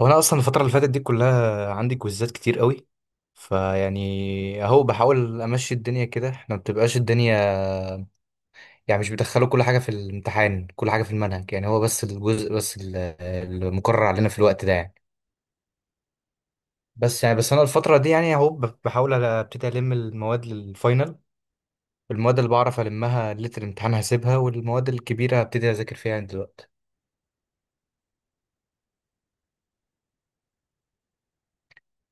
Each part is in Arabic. هو انا اصلا الفتره اللي فاتت دي كلها عندي كويزات كتير قوي. فيعني اهو بحاول امشي الدنيا كده، احنا ما بتبقاش الدنيا يعني مش بيدخلوا كل حاجه في الامتحان، كل حاجه في المنهج يعني هو بس الجزء، بس المقرر علينا في الوقت ده يعني. بس يعني بس انا الفتره دي يعني اهو بحاول ابتدي المواد للفاينل، المواد اللي بعرف المها ليله الامتحان هسيبها، والمواد الكبيره هبتدي اذاكر فيها يعني دلوقتي.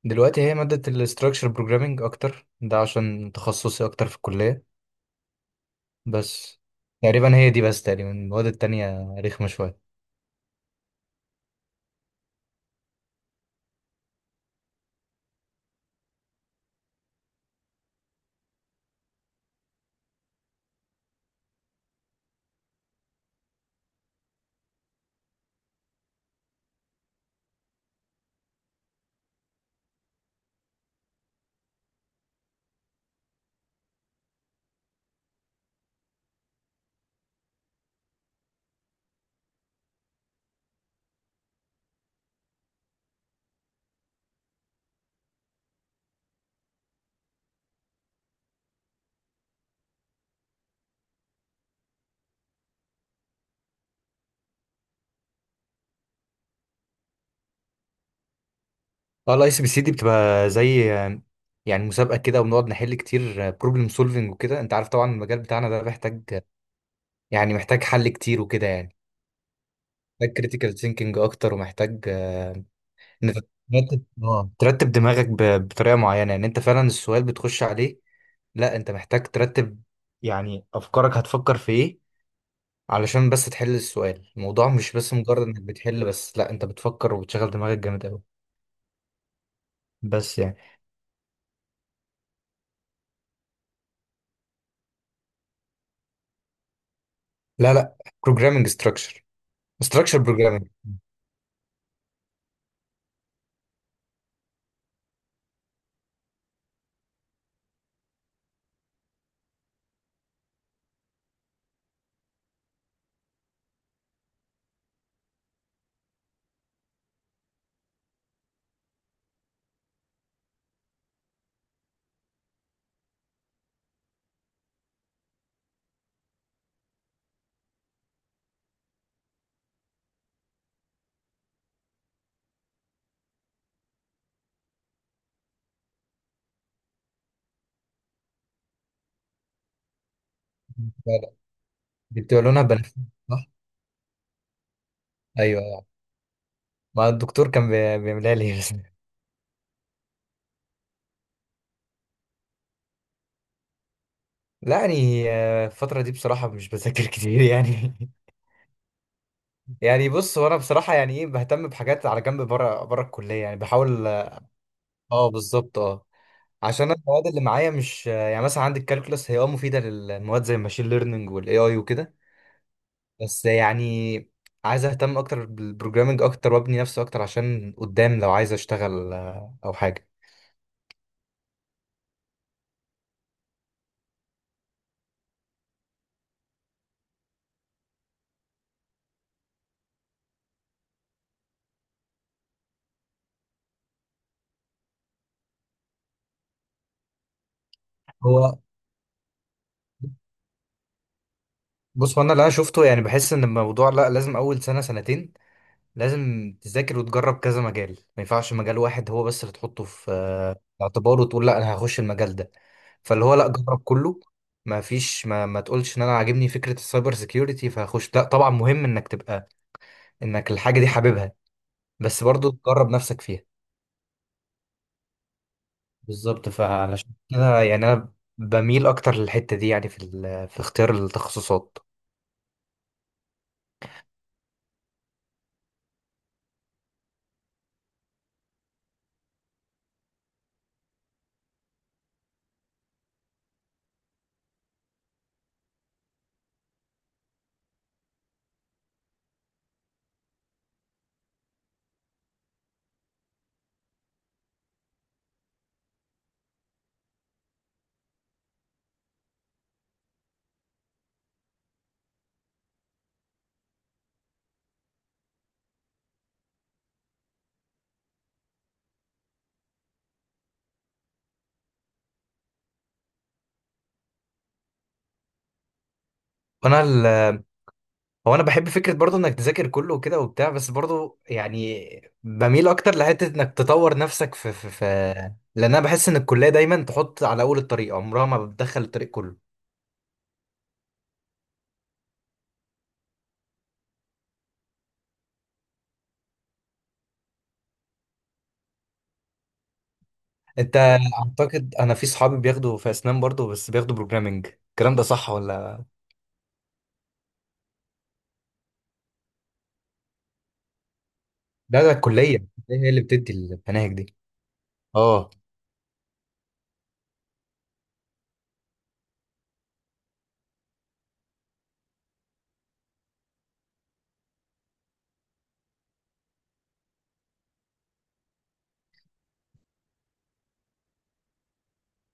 دلوقتي هي ماده الاستراكشر بروجرامنج اكتر، ده عشان تخصصي اكتر في الكليه. بس تقريبا هي دي بس، تقريبا المواد التانية رخمة شوية. اه الاي سي بي سي دي بتبقى زي، يعني مسابقة كده وبنقعد نحل كتير بروبلم سولفنج وكده، انت عارف طبعا المجال بتاعنا ده محتاج، يعني محتاج حل كتير وكده يعني. محتاج كريتيكال ثينكينج اكتر ومحتاج، ان أنت ترتب، ترتب دماغك بطريقة معينة يعني. انت فعلا السؤال بتخش عليه، لا انت محتاج ترتب يعني افكارك، هتفكر في ايه علشان بس تحل السؤال. الموضوع مش بس مجرد انك بتحل، بس لا انت بتفكر وبتشغل دماغك جامد قوي. بس يعني. لا لا. programming structure. structure programming. لا لا، دي بتبقى لونها بنفسجي، صح. ايوه ايوه، ما الدكتور كان بيعملها لي بس. لا يعني، الفترة دي بصراحة مش بذاكر كتير يعني. يعني بص، وانا بصراحة يعني ايه، بهتم بحاجات على جنب، بره بره الكلية يعني بحاول. اه بالظبط اه. عشان أنا المواد اللي معايا مش يعني، مثلا عندي الكالكولس هي اه مفيدة للمواد زي الماشين ليرنينج والاي اي وكده. بس يعني عايز اهتم اكتر بالبروجرامنج اكتر، وابني نفسي اكتر عشان قدام لو عايز اشتغل، او حاجه. هو بص، هو انا اللي انا شفته يعني بحس ان الموضوع لا، لازم اول سنه سنتين لازم تذاكر وتجرب كذا مجال. ما ينفعش مجال واحد هو بس اللي تحطه في، الاعتبار وتقول لا انا هخش المجال ده. فاللي هو لا، جرب كله. ما فيش، ما تقولش ان انا عاجبني فكره السايبر سيكيورتي فهخش. لا طبعا مهم انك تبقى، انك الحاجه دي حاببها، بس برضو تجرب نفسك فيها. بالظبط. فعلشان كده يعني انا بميل اكتر للحته دي يعني، في في اختيار التخصصات. وانا هو انا بحب فكره برضو انك تذاكر كله وكده وبتاع، بس برضو يعني بميل اكتر لحته انك تطور نفسك في لان انا بحس ان الكليه دايما تحط على اول الطريق، عمرها ما بتدخل الطريق كله. انت اعتقد انا في صحابي بياخدوا في اسنان برضو، بس بياخدوا بروجرامنج، الكلام ده صح ولا؟ لا ده الكليه هي اللي بتدي المناهج دي. اه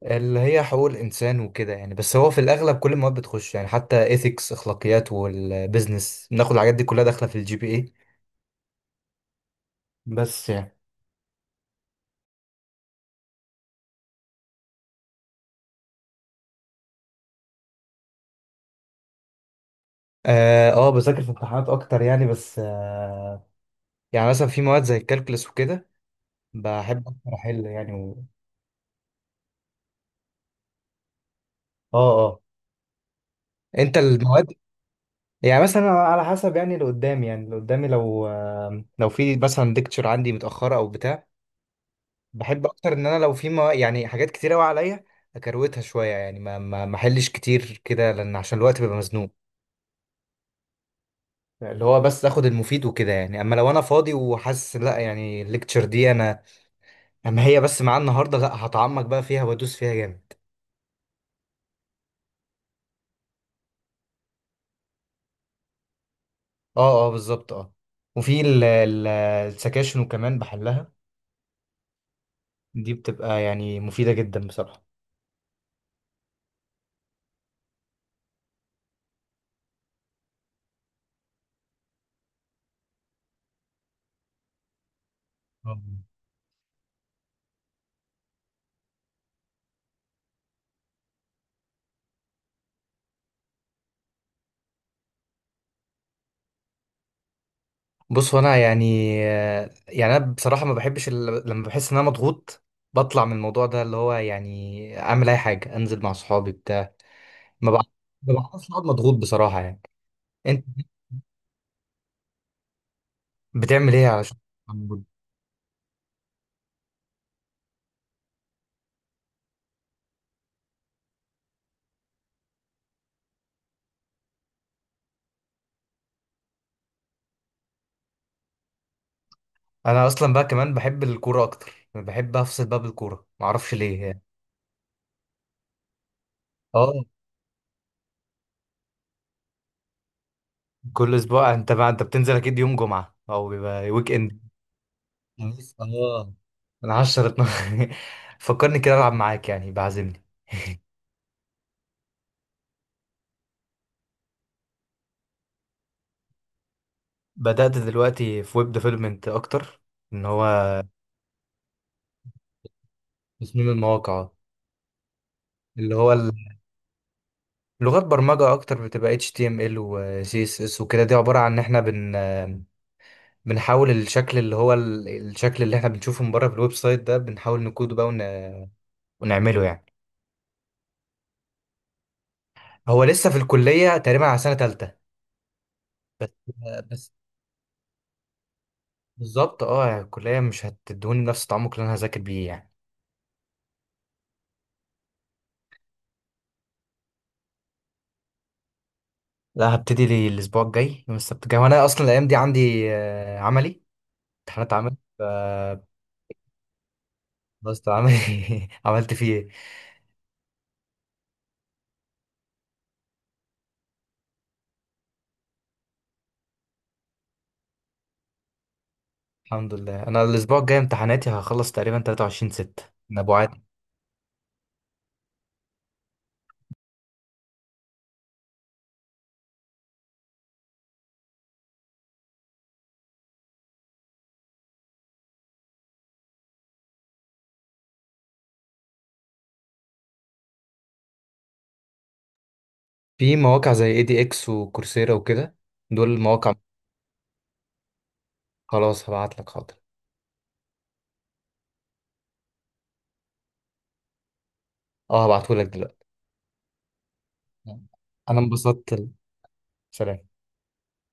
اللي هي حقوق الإنسان وكده يعني، بس هو في الأغلب كل المواد بتخش يعني، حتى ethics أخلاقيات والبيزنس بناخد الحاجات دي كلها داخلة في الجي بي إيه. بس يعني. آه، بذاكر في امتحانات أكتر يعني، بس آه يعني مثلا في مواد زي الكالكولس وكده. بحب أكتر أحل يعني، آه آه. أنت المواد يعني مثلا على حسب يعني اللي قدامي، يعني اللي قدامي لو آه لو في مثلا ديكتشر عندي متأخرة أو بتاع. بحب اكتر ان انا لو في، ما يعني حاجات كتير قوي عليا، اكروتها شويه يعني. ما احلش كتير كده، لان عشان الوقت بيبقى مزنوق. اللي هو بس اخد المفيد وكده يعني. اما لو انا فاضي وحاسس لا يعني الليكتشر دي انا، اما هي بس معايا النهارده، لا هتعمق بقى فيها وادوس فيها جامد. اه اه بالظبط اه. وفي السكاشن وكمان بحلها، دي بتبقى يعني مفيدة جدا بصراحة. آه. بص هو انا يعني، يعني انا بصراحه ما بحبش لما بحس ان انا مضغوط بطلع من الموضوع ده اللي هو يعني اعمل اي حاجه، انزل مع صحابي بتاع. ما بع- ما بعرفش اقعد مضغوط بصراحه يعني. انت بتعمل ايه علشان تبقى مضغوط؟ انا اصلا بقى كمان بحب الكوره اكتر، بحب افصل بقى بالكوره، ما اعرفش ليه يعني. اه كل اسبوع. انت بقى انت بتنزل اكيد يوم جمعه او بيبقى ويك اند. اه انا 10 12 فكرني كده العب معاك، يعني بعزمني. بدأت دلوقتي في ويب ديفلوبمنت أكتر. إن هو تصميم المواقع. اللي هو لغات برمجة أكتر، بتبقى HTML و CSS وكده. دي عبارة عن إن إحنا بنحاول الشكل اللي هو الشكل اللي إحنا بنشوفه من بره في الويب سايت ده، بنحاول نكوده بقى ونعمله يعني. هو لسه في الكلية تقريبا على سنة تالتة. بس بالظبط اه، يعني الكلية مش هتدوني نفس التعمق اللي أنا هذاكر بيه يعني. لا هبتدي لي الأسبوع الجاي يوم السبت الجاي، وأنا أصلا الأيام دي عندي، عملي، امتحانات عمل. خلصت عامل عملت فيه ايه. الحمد لله، انا الاسبوع الجاي امتحاناتي هخلص تقريبا 23 6. نبوعات. في مواقع زي اي دي اكس وكورسيرا وكده، دول المواقع. خلاص هبعت لك حاضر. اه هبعته لك دلوقتي. انا انبسطت. سلام.